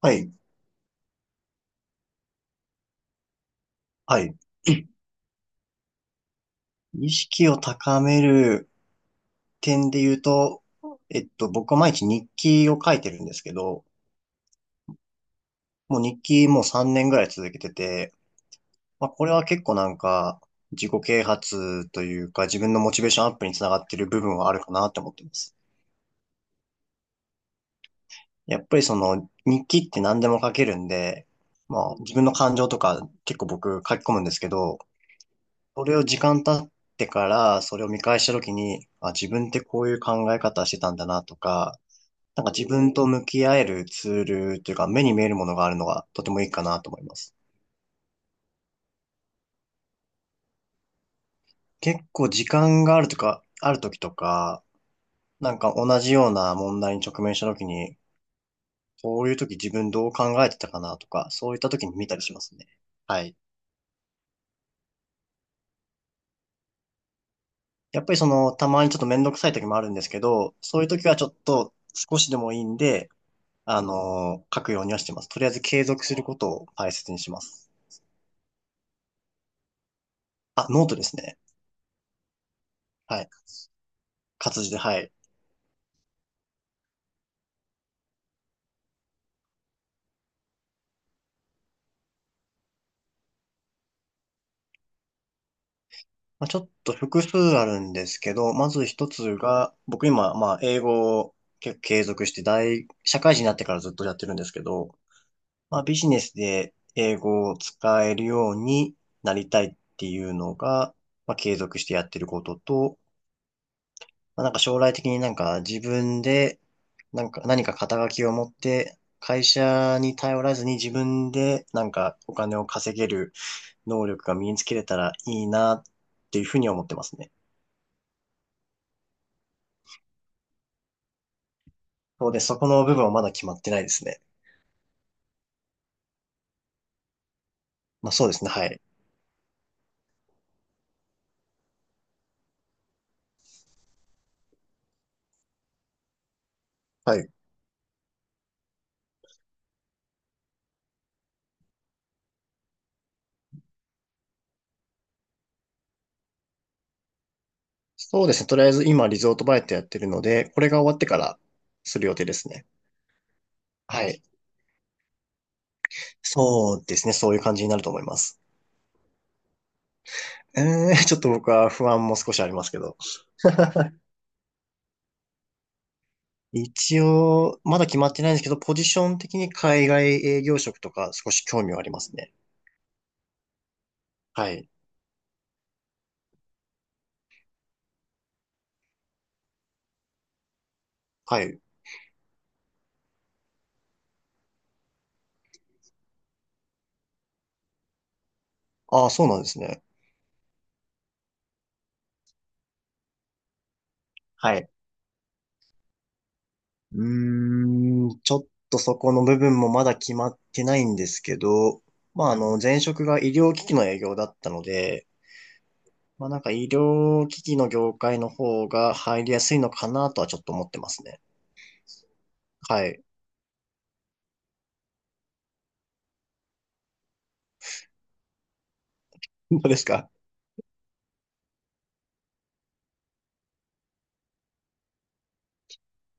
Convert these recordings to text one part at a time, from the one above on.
はい。はい。意識を高める点で言うと、僕は毎日日記を書いてるんですけど、もう日記もう3年ぐらい続けてて、まあ、これは結構なんか、自己啓発というか、自分のモチベーションアップにつながってる部分はあるかなって思ってます。やっぱりその、日記って何でも書けるんで、まあ、自分の感情とか結構僕書き込むんですけど、それを時間経ってから、それを見返した時に、あ、自分ってこういう考え方してたんだなとか、なんか自分と向き合えるツールというか、目に見えるものがあるのがとてもいいかなと思います。結構時間があるとか、ある時とか、なんか同じような問題に直面した時に、こういう時自分どう考えてたかなとか、そういった時に見たりしますね。はい。やっぱりその、たまにちょっとめんどくさい時もあるんですけど、そういう時はちょっと少しでもいいんで、書くようにはしてます。とりあえず継続することを大切にします。あ、ノートですね。はい。活字で、はい。まあ、ちょっと複数あるんですけど、まず一つが、僕今、まあ、英語を結構継続して社会人になってからずっとやってるんですけど、まあ、ビジネスで英語を使えるようになりたいっていうのが、まあ、継続してやってることと、まあ、なんか将来的になんか自分で、なんか何か肩書きを持って、会社に頼らずに自分でなんかお金を稼げる能力が身につけれたらいいなっていうふうに思ってますね。そうです。そこの部分はまだ決まってないですね。まあそうですね。はい。はい。そうですね。とりあえず今リゾートバイトやってるので、これが終わってからする予定ですね。はい。そうですね。そういう感じになると思います。えちょっと僕は不安も少しありますけど。一応、まだ決まってないんですけど、ポジション的に海外営業職とか少し興味はありますね。はい。はい。ああ、そうなんですね。はい。うーん、ちょっとそこの部分もまだ決まってないんですけど、まあ、前職が医療機器の営業だったので、まあ、なんか医療機器の業界の方が入りやすいのかなとはちょっと思ってますね。はい。どうですか？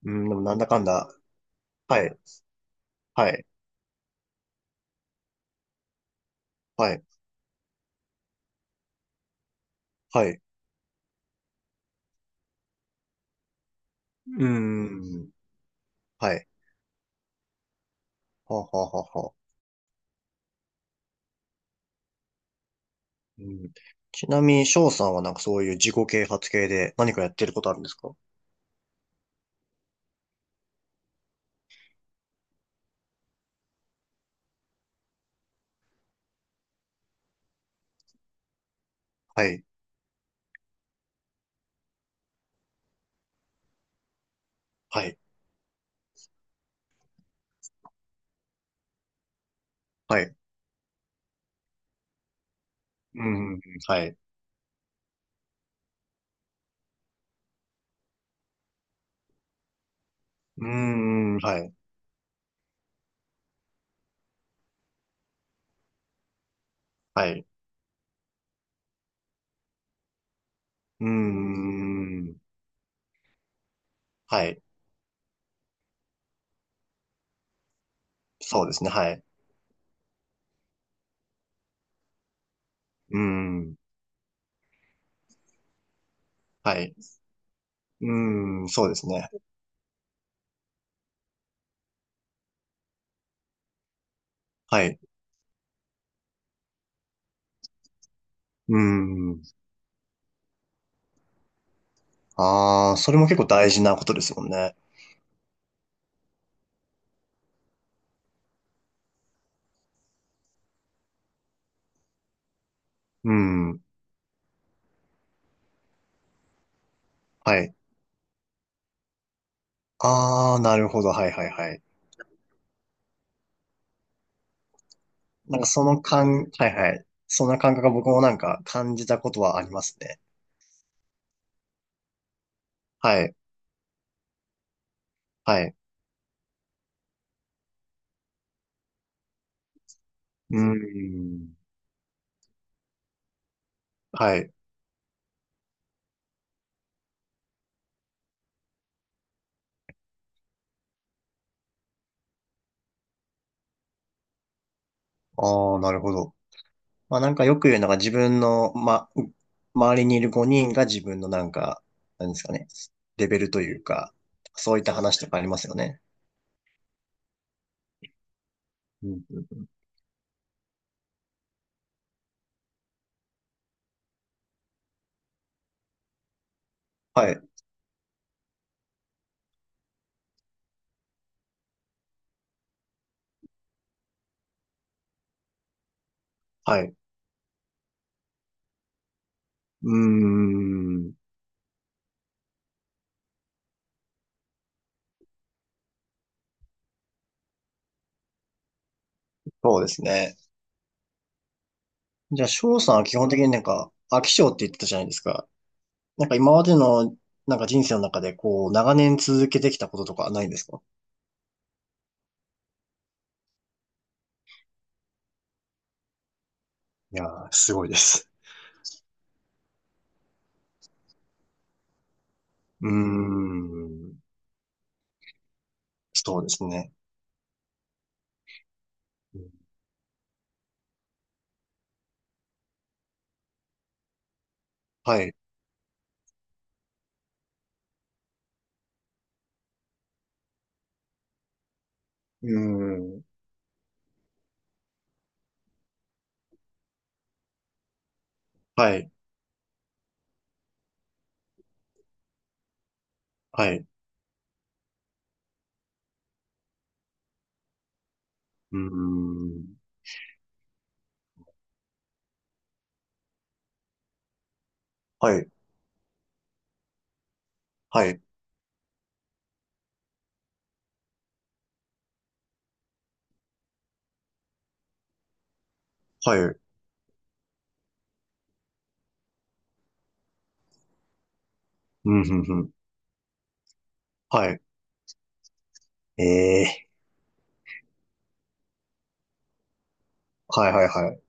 うん、でもなんだかんだ。はい。はい。はい。はい。うーん。はい。はあはあはあはあ。うん、ちなみに、翔さんはなんかそういう自己啓発系で何かやってることあるんですか？はい。はい。はい。うん。はい。うーん、はい、はい。うーん、はい。そうですね、はい。うーん、はい。うーん、そうですね。はい。うーん。ああ、それも結構大事なことですもんね。うーん、はい。ああ、なるほど、はい、はい、はい。なんかその感、はい、はい。そんな感覚が僕もなんか感じたことはありますね。はい、はい。うーん、はい。ああ、なるほど。まあなんかよく言うのが自分の、ま、周りにいる5人が自分のなんか、なんですかね、レベルというか、そういった話とかありますよね。うんうんうんはい、はい。うーん。そうですね。じゃあ、翔さんは基本的になんか、飽き性って言ってたじゃないですか。なんか今までの、なんか人生の中で、こう、長年続けてきたこととかないんですか？いやー、すごいです。うーん。そうですね。うんはい。うーん。はい。はい。うーん。はい、はい、はい、うん、うん、うん、はい。ええーはい、はい、はい。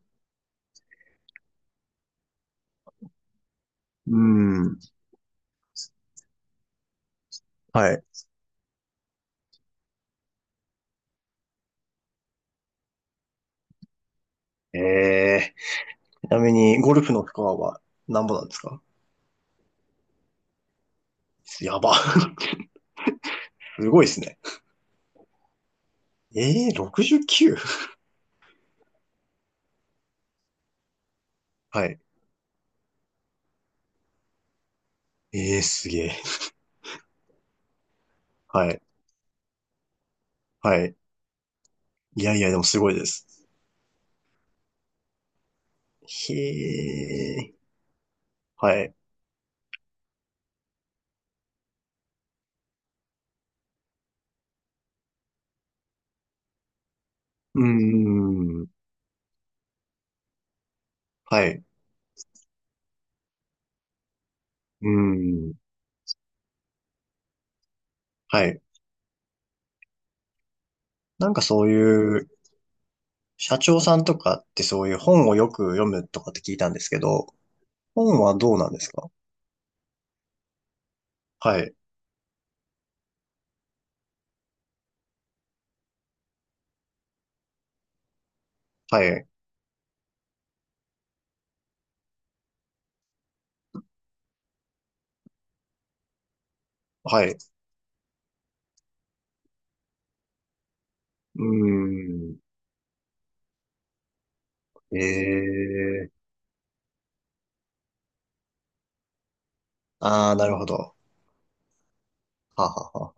うん、はい。ええーちなみに、ゴルフのスコアは何ぼなんですか？やば。すごいですね。ええー、69? はい。ええーすげえ。はい、はい。いやいや、でもすごいです。へえ、はい。うーん、はい、うーん、はい。なんかそういう、社長さんとかってそういう本をよく読むとかって聞いたんですけど、本はどうなんですか？はい、はい、はい。うーん。ええー。ああ、なるほど。ははは